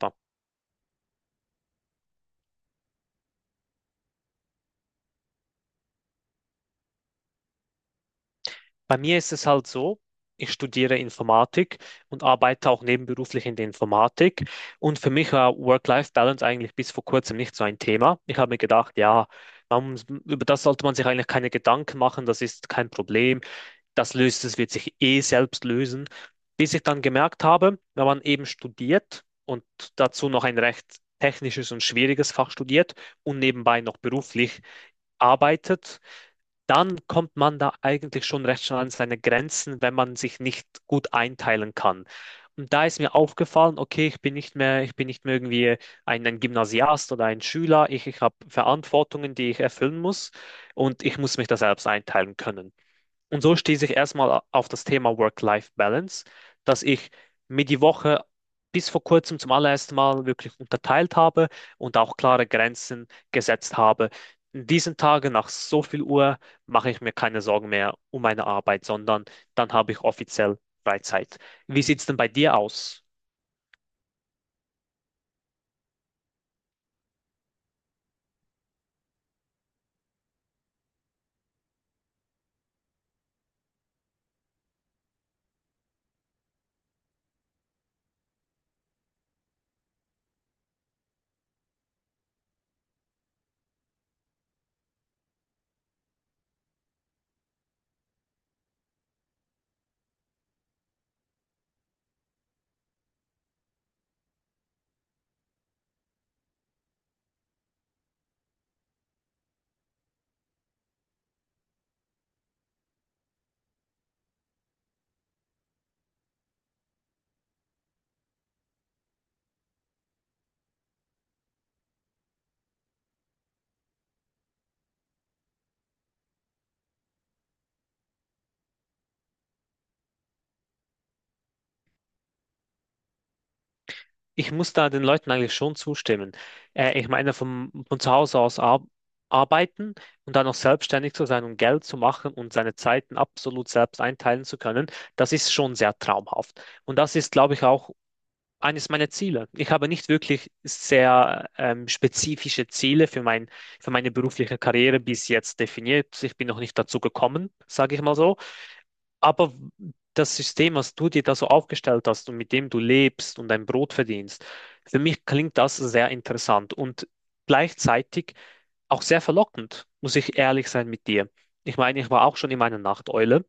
Ja. Bei mir ist es halt so, ich studiere Informatik und arbeite auch nebenberuflich in der Informatik. Und für mich war Work-Life-Balance eigentlich bis vor kurzem nicht so ein Thema. Ich habe mir gedacht, ja, über das sollte man sich eigentlich keine Gedanken machen, das ist kein Problem, wird sich eh selbst lösen. Bis ich dann gemerkt habe, wenn man eben studiert und dazu noch ein recht technisches und schwieriges Fach studiert und nebenbei noch beruflich, arbeitet, dann kommt man da eigentlich schon recht schnell an seine Grenzen, wenn man sich nicht gut einteilen kann. Und da ist mir aufgefallen, okay, ich bin nicht mehr irgendwie ein Gymnasiast oder ein Schüler. Ich habe Verantwortungen, die ich erfüllen muss und ich muss mich da selbst einteilen können. Und so stieß ich erstmal auf das Thema Work-Life-Balance, dass ich mir die Woche bis vor kurzem zum allerersten Mal wirklich unterteilt habe und auch klare Grenzen gesetzt habe. In diesen Tagen nach so viel Uhr mache ich mir keine Sorgen mehr um meine Arbeit, sondern dann habe ich offiziell Freizeit. Wie sieht es denn bei dir aus? Ich muss da den Leuten eigentlich schon zustimmen. Ich meine, von zu Hause aus ar arbeiten und dann noch selbstständig zu sein und Geld zu machen und seine Zeiten absolut selbst einteilen zu können, das ist schon sehr traumhaft. Und das ist, glaube ich, auch eines meiner Ziele. Ich habe nicht wirklich sehr spezifische Ziele für für meine berufliche Karriere bis jetzt definiert. Ich bin noch nicht dazu gekommen, sage ich mal so. Aber das System, was du dir da so aufgestellt hast und mit dem du lebst und dein Brot verdienst, für mich klingt das sehr interessant und gleichzeitig auch sehr verlockend, muss ich ehrlich sein mit dir. Ich meine, ich war auch schon immer eine Nachteule.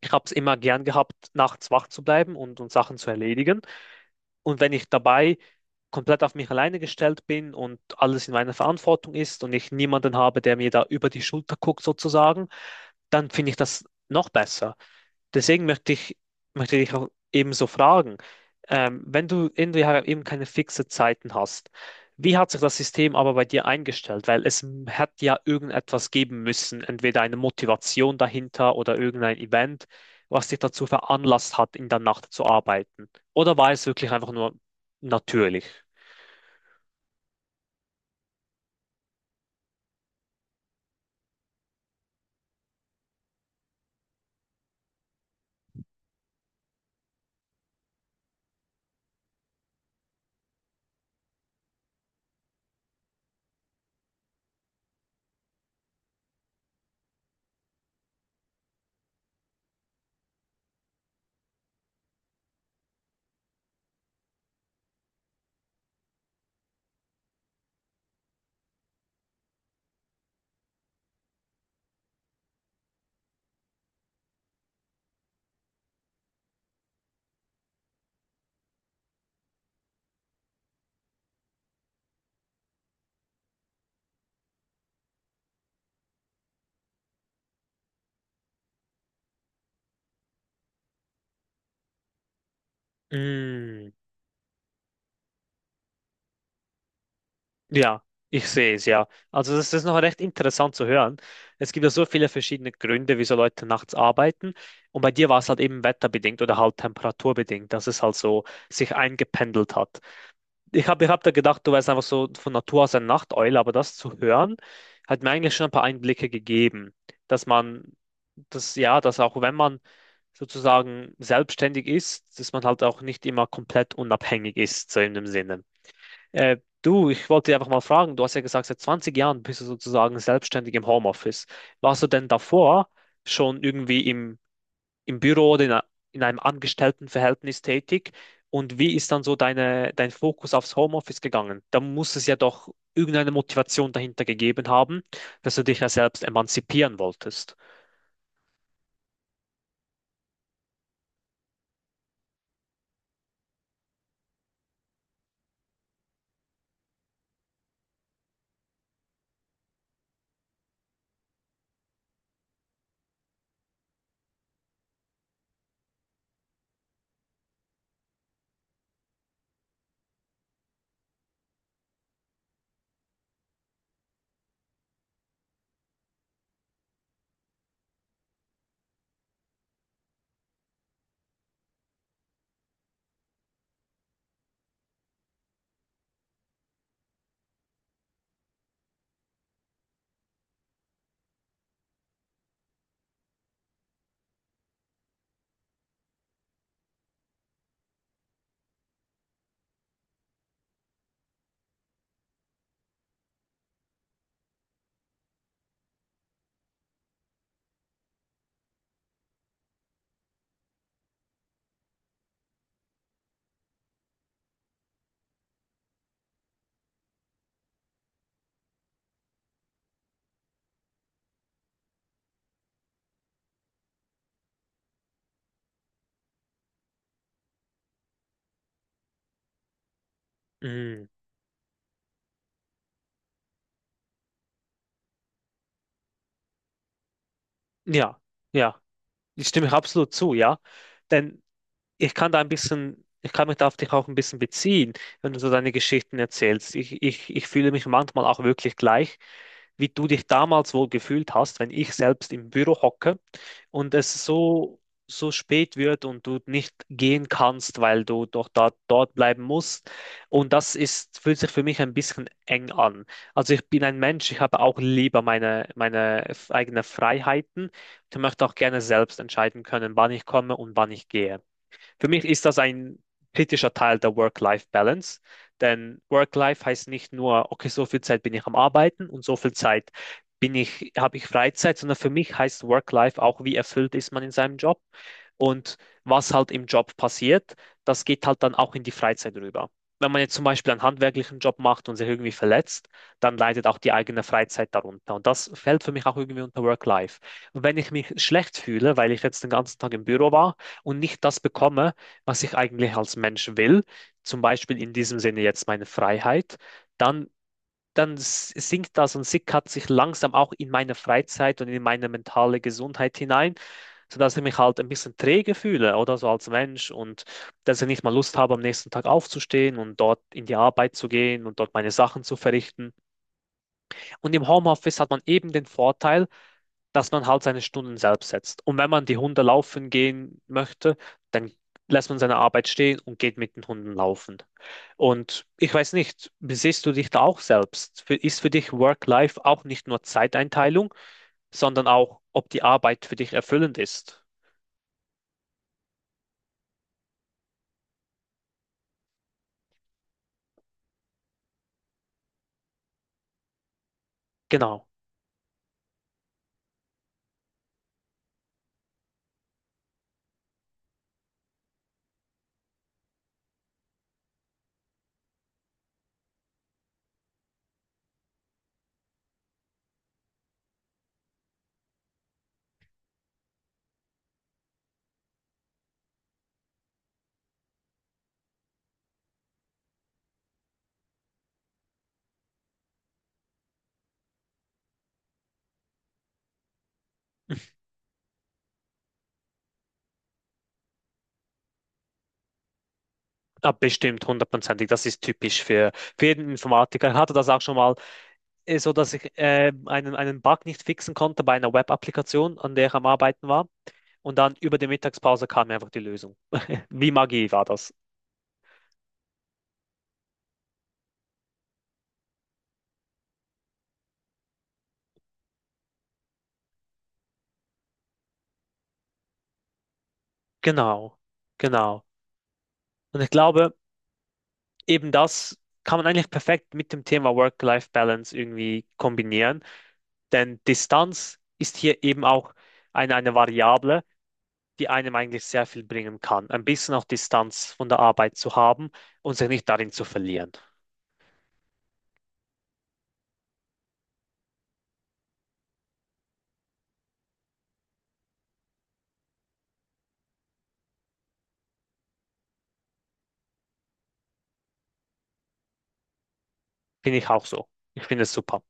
Ich habe es immer gern gehabt, nachts wach zu bleiben und Sachen zu erledigen. Und wenn ich dabei komplett auf mich alleine gestellt bin und alles in meiner Verantwortung ist und ich niemanden habe, der mir da über die Schulter guckt sozusagen, dann finde ich das noch besser. Deswegen möchte ich, möchte ich auch ebenso fragen, wenn du irgendwie eben keine fixe Zeiten hast, wie hat sich das System aber bei dir eingestellt? Weil hat ja irgendetwas geben müssen, entweder eine Motivation dahinter oder irgendein Event, was dich dazu veranlasst hat, in der Nacht zu arbeiten. Oder war es wirklich einfach nur natürlich? Mm, ja, ich sehe es ja. Also das ist noch recht interessant zu hören. Es gibt ja so viele verschiedene Gründe, wieso Leute nachts arbeiten. Und bei dir war es halt eben wetterbedingt oder halt temperaturbedingt, dass es halt so sich eingependelt hat. Ich hab da gedacht, du wärst einfach so von Natur aus eine Nachteule, aber das zu hören, hat mir eigentlich schon ein paar Einblicke gegeben, dass man, das ja, dass auch wenn man sozusagen selbstständig ist, dass man halt auch nicht immer komplett unabhängig ist, so in dem Sinne. Du, ich wollte dich einfach mal fragen, du hast ja gesagt, seit 20 Jahren bist du sozusagen selbstständig im Homeoffice. Warst du denn davor schon im Büro oder in einem Angestelltenverhältnis tätig? Und wie ist dann so dein Fokus aufs Homeoffice gegangen? Da muss es ja doch irgendeine Motivation dahinter gegeben haben, dass du dich ja selbst emanzipieren wolltest. Mm, ja, ja. Ich stimme absolut zu, ja. Denn ich kann da ein bisschen, ich kann mich da auf dich auch ein bisschen beziehen, wenn du so deine Geschichten erzählst. Ich fühle mich manchmal auch wirklich gleich, wie du dich damals wohl gefühlt hast, wenn ich selbst im Büro hocke und es so spät wird und du nicht gehen kannst, weil du dort bleiben musst. Und fühlt sich für mich ein bisschen eng an. Also ich bin ein Mensch, ich habe auch lieber meine eigenen Freiheiten. Ich möchte auch gerne selbst entscheiden können, wann ich komme und wann ich gehe. Für mich ist das ein kritischer Teil der Work-Life-Balance, denn Work-Life heißt nicht nur, okay, so viel Zeit bin ich am Arbeiten und so viel Zeit habe ich Freizeit, sondern für mich heißt Work-Life auch, wie erfüllt ist man in seinem Job und was halt im Job passiert, das geht halt dann auch in die Freizeit rüber. Wenn man jetzt zum Beispiel einen handwerklichen Job macht und sich irgendwie verletzt, dann leidet auch die eigene Freizeit darunter. Und das fällt für mich auch irgendwie unter Work-Life. Und wenn ich mich schlecht fühle, weil ich jetzt den ganzen Tag im Büro war, und nicht das bekomme, was ich eigentlich als Mensch will, zum Beispiel in diesem Sinne jetzt meine Freiheit, dann, sinkt das und sickert sich langsam auch in meine Freizeit und in meine mentale Gesundheit hinein, sodass ich mich halt ein bisschen träge fühle oder so als Mensch und dass ich nicht mal Lust habe, am nächsten Tag aufzustehen und dort in die Arbeit zu gehen und dort meine Sachen zu verrichten. Und im Homeoffice hat man eben den Vorteil, dass man halt seine Stunden selbst setzt. Und wenn man die Hunde laufen gehen möchte, dann lässt man seine Arbeit stehen und geht mit den Hunden laufen. Und ich weiß nicht, besiehst du dich da auch selbst? Für- Ist für dich Work-Life auch nicht nur Zeiteinteilung, sondern auch, ob die Arbeit für dich erfüllend ist? Genau. Ja, bestimmt, hundertprozentig. Das ist typisch für jeden Informatiker. Ich hatte das auch schon mal, so dass ich einen Bug nicht fixen konnte bei einer Web-Applikation, an der ich am Arbeiten war. Und dann über die Mittagspause kam einfach die Lösung. Wie Magie war das. Genau, genau. Und ich glaube, eben das kann man eigentlich perfekt mit dem Thema Work-Life-Balance irgendwie kombinieren, denn Distanz ist hier eben auch eine Variable. Die einem eigentlich sehr viel bringen kann. Ein bisschen auch Distanz von der Arbeit zu haben und sich nicht darin zu verlieren. Finde ich auch so. Ich finde es super.